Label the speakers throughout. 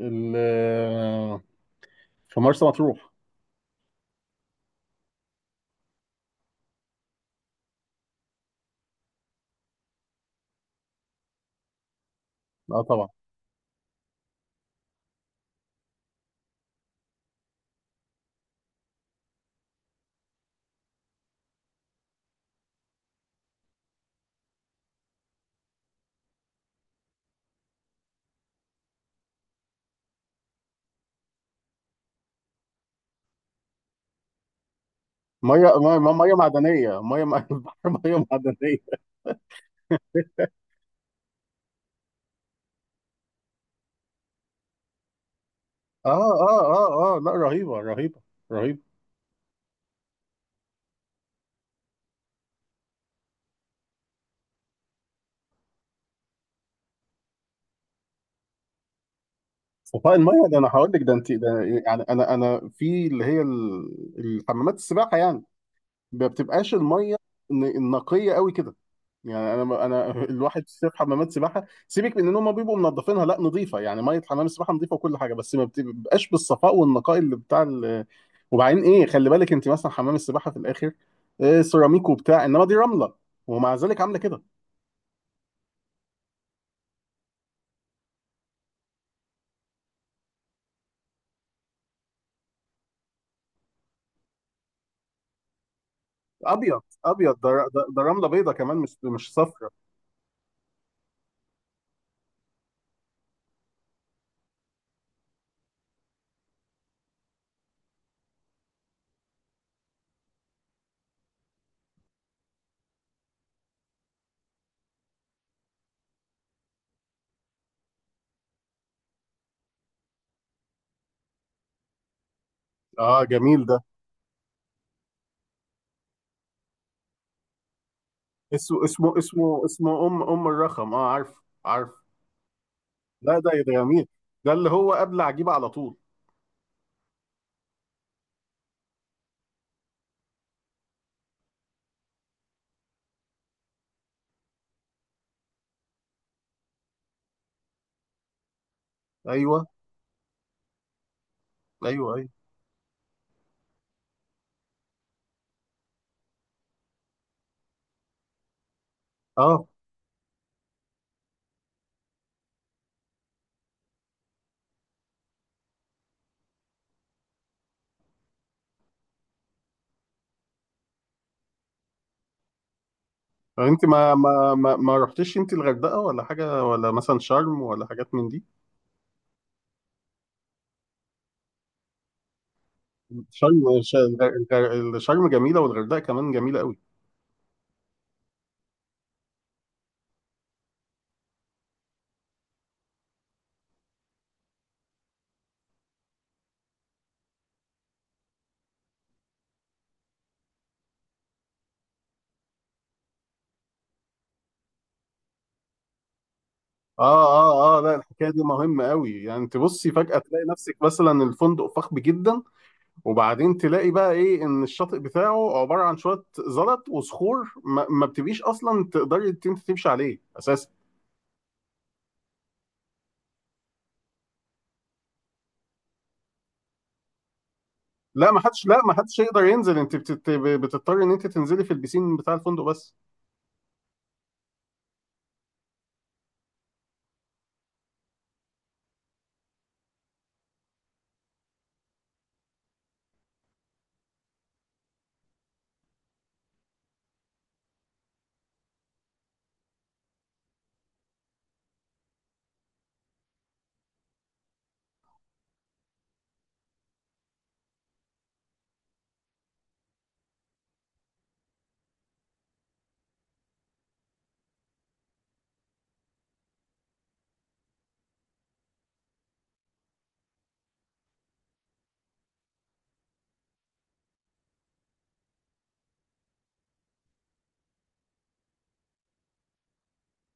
Speaker 1: ال- في مرسى مطروح. لا طبعا. ميه معدنيه، البحر ميه معدنيه. اه اه اه اه، لا رهيبه رهيبه رهيبه. صفاء الميه ده، انا هقول لك ده، انت ده يعني انا في اللي هي الحمامات السباحه يعني، ما بتبقاش الميه النقيه قوي كده. يعني انا الواحد في حمامات سباحه، سيبك من ان هم بيبقوا منظفينها، لا نظيفه، يعني ميه حمام السباحه نظيفه وكل حاجه، بس ما بتبقاش بالصفاء والنقاء اللي بتاع. وبعدين ايه، خلي بالك انت مثلا حمام السباحه في الاخر إيه سيراميك وبتاع، انما دي رمله ومع ذلك عامله كده. ابيض ابيض، ده رمله بيضه كمان، مش صفرا. اه جميل ده. اسمه ام الرخم، اه عارف عارف. لا ده جميل، ده اللي هو قبل عجيبه على طول. ايوه ايوه ايوه اه. انت ما رحتيش انت الغردقه ولا حاجه، ولا مثلا شرم ولا حاجات من دي؟ شرم، شرم جميله، والغردقه كمان جميله قوي. اه اه اه لا، الحكايه دي مهمه قوي، يعني انت بصي فجاه تلاقي نفسك مثلا الفندق فخم جدا، وبعدين تلاقي بقى ايه ان الشاطئ بتاعه عباره عن شويه زلط وصخور، ما بتبقيش اصلا تقدري إنت تمشي عليه اساسا. لا ما حدش، لا ما حدش يقدر ينزل، انت بتضطري ان انت تنزلي في البسين بتاع الفندق بس.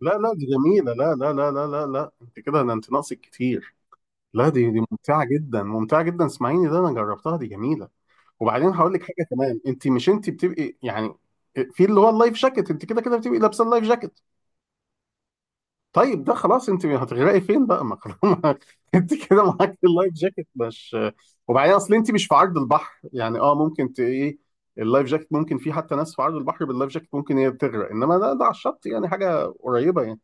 Speaker 1: لا لا دي جميلة، لا لا لا لا لا لا، انت كده، ده انت ناقصك كتير. لا دي ممتعة جدا ممتعة جدا، اسمعيني ده انا جربتها، دي جميلة. وبعدين هقول لك حاجة كمان، انت مش انت بتبقي يعني في اللي هو اللايف جاكيت، انت كده كده بتبقي لابسة اللايف جاكيت، طيب ده خلاص، انت هتغرقي فين بقى؟ ما خلاص انت كده معاك اللايف جاكيت، مش؟ وبعدين اصل انت مش في عرض البحر يعني، اه ممكن ايه، اللايف جاكيت ممكن، في حتى ناس في عرض البحر باللايف جاكيت ممكن هي تغرق، انما ده ده على الشط يعني حاجة قريبة يعني.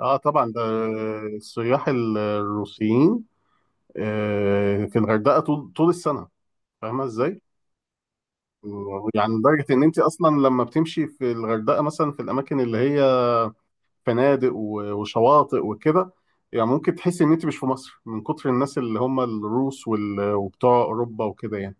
Speaker 1: اه طبعا، ده السياح الروسيين، آه، في الغردقه طول طول السنه، فاهمه ازاي؟ يعني لدرجه ان انت اصلا لما بتمشي في الغردقه مثلا في الاماكن اللي هي فنادق وشواطئ وكده، يعني ممكن تحسي ان انت مش في مصر من كتر الناس اللي هم الروس وبتوع اوروبا وكده يعني.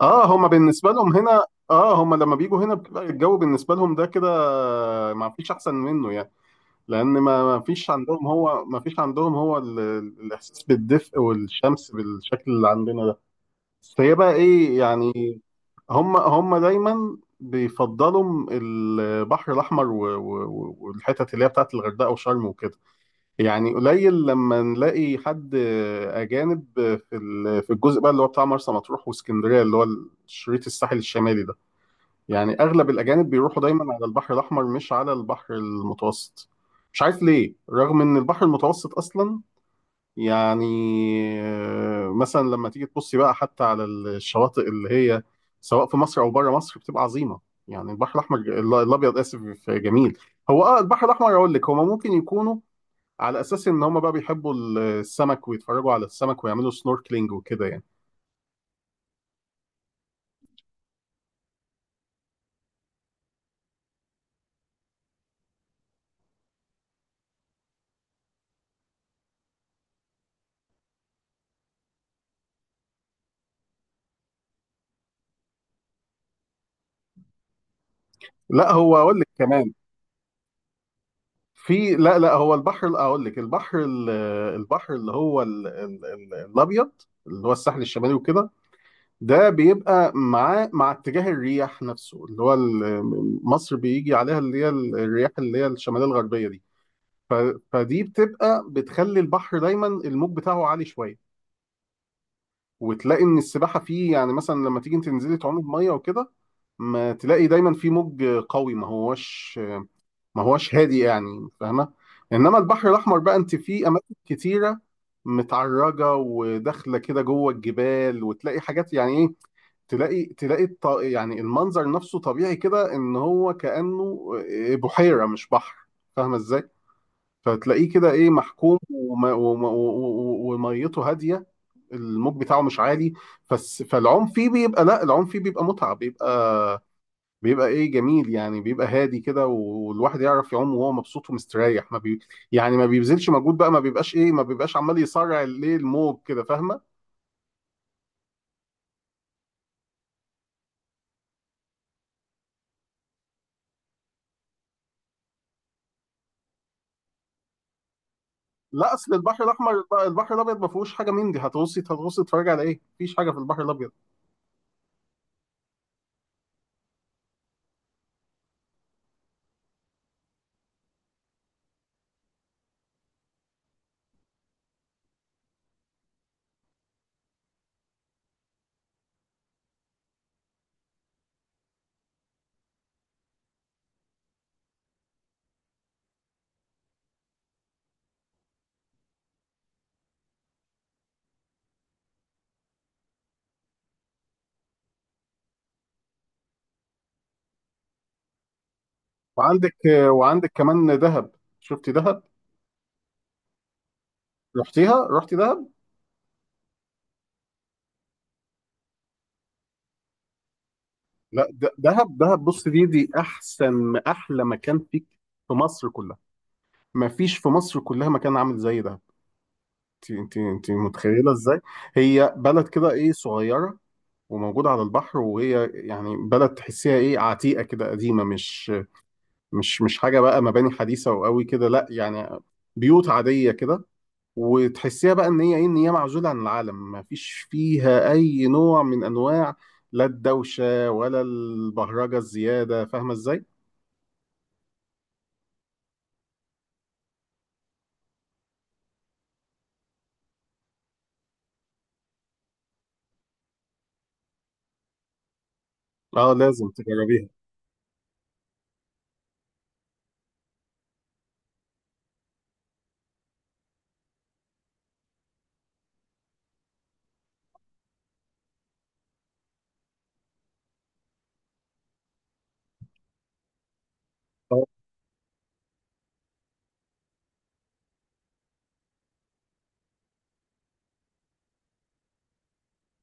Speaker 1: اه هم بالنسبه لهم هنا، اه هم لما بيجوا هنا بتبقى الجو بالنسبه لهم ده كده ما فيش احسن منه يعني، لان ما فيش عندهم، هو ما فيش عندهم هو الاحساس بالدفء والشمس بالشكل اللي عندنا ده. بس هي بقى ايه يعني، هم دايما بيفضلوا البحر الاحمر والحتت اللي هي بتاعت الغردقه وشرم وكده. يعني قليل لما نلاقي حد اجانب في في الجزء بقى اللي هو بتاع مرسى مطروح واسكندريه، اللي هو الشريط الساحل الشمالي ده، يعني اغلب الاجانب بيروحوا دايما على البحر الاحمر، مش على البحر المتوسط. مش عارف ليه، رغم ان البحر المتوسط اصلا يعني، آه، مثلا لما تيجي تبصي بقى حتى على الشواطئ اللي هي سواء في مصر او بره مصر بتبقى عظيمه. يعني البحر الاحمر، الابيض اسف، جميل. هو اه البحر الاحمر اقول لك، هما ممكن يكونوا على اساس ان هما بقى بيحبوا السمك ويتفرجوا على السمك ويعملوا سنوركلينج وكده يعني. لا هو اقول لك كمان في، لا لا هو البحر اقول لك، البحر البحر اللي هو الابيض، اللي هو الساحل الشمالي وكده، ده بيبقى مع مع اتجاه الرياح نفسه اللي هو مصر بيجي عليها، اللي هي الرياح اللي هي الشماليه الغربيه دي، ف- فدي بتبقى بتخلي البحر دايما الموج بتاعه عالي شويه، وتلاقي ان السباحه فيه يعني مثلا لما تيجي تنزلي تعومي بميه وكده، ما تلاقي دايما في موج قوي، ما هوش ما هوش هادي يعني، فاهمه؟ انما البحر الاحمر بقى، انت فيه اماكن كتيره متعرجه وداخله كده جوه الجبال، وتلاقي حاجات يعني ايه، تلاقي يعني المنظر نفسه طبيعي كده، ان هو كانه آه، بحيره مش بحر، فاهمه ازاي؟ فتلاقيه كده ايه محكوم، وميته هاديه، الموج بتاعه مش عالي، بس فالعوم فيه بيبقى، لا العوم فيه بيبقى متعه، بيبقى بيبقى ايه جميل يعني، بيبقى هادي كده والواحد يعرف يعوم وهو مبسوط ومستريح، ما بي يعني ما بيبذلش مجهود بقى، ما بيبقاش ايه، ما بيبقاش عمال يصارع الايه الموج كده، فاهمه؟ لا اصل البحر الاحمر، البحر الابيض ما فيهوش حاجه من دي، هتغوصي هتغوصي تتفرجي على ايه، مفيش حاجه في البحر الابيض. وعندك، كمان دهب، شفتي دهب؟ رحتيها؟ رحتي دهب؟ لا دهب دهب، بص دي احسن، احلى مكان فيك في مصر كلها، ما فيش في مصر كلها مكان عامل زي ده. انت متخيله ازاي، هي بلد كده ايه صغيره وموجوده على البحر، وهي يعني بلد تحسيها ايه عتيقه كده قديمه، مش مش حاجه بقى، مباني حديثه وقوي كده لا يعني، بيوت عاديه كده، وتحسيها بقى ان هي ايه، ان هي معزوله عن العالم، ما فيش فيها اي نوع من انواع لا الدوشه ولا البهرجه الزياده، فاهمه ازاي؟ اه لازم تجربيها. اه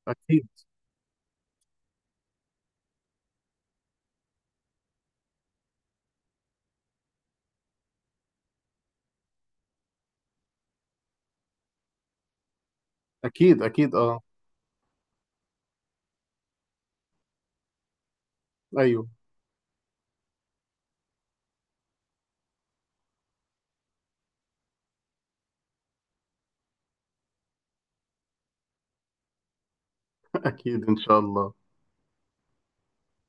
Speaker 1: اكيد اكيد اكيد اه ايوه اكيد ان شاء الله.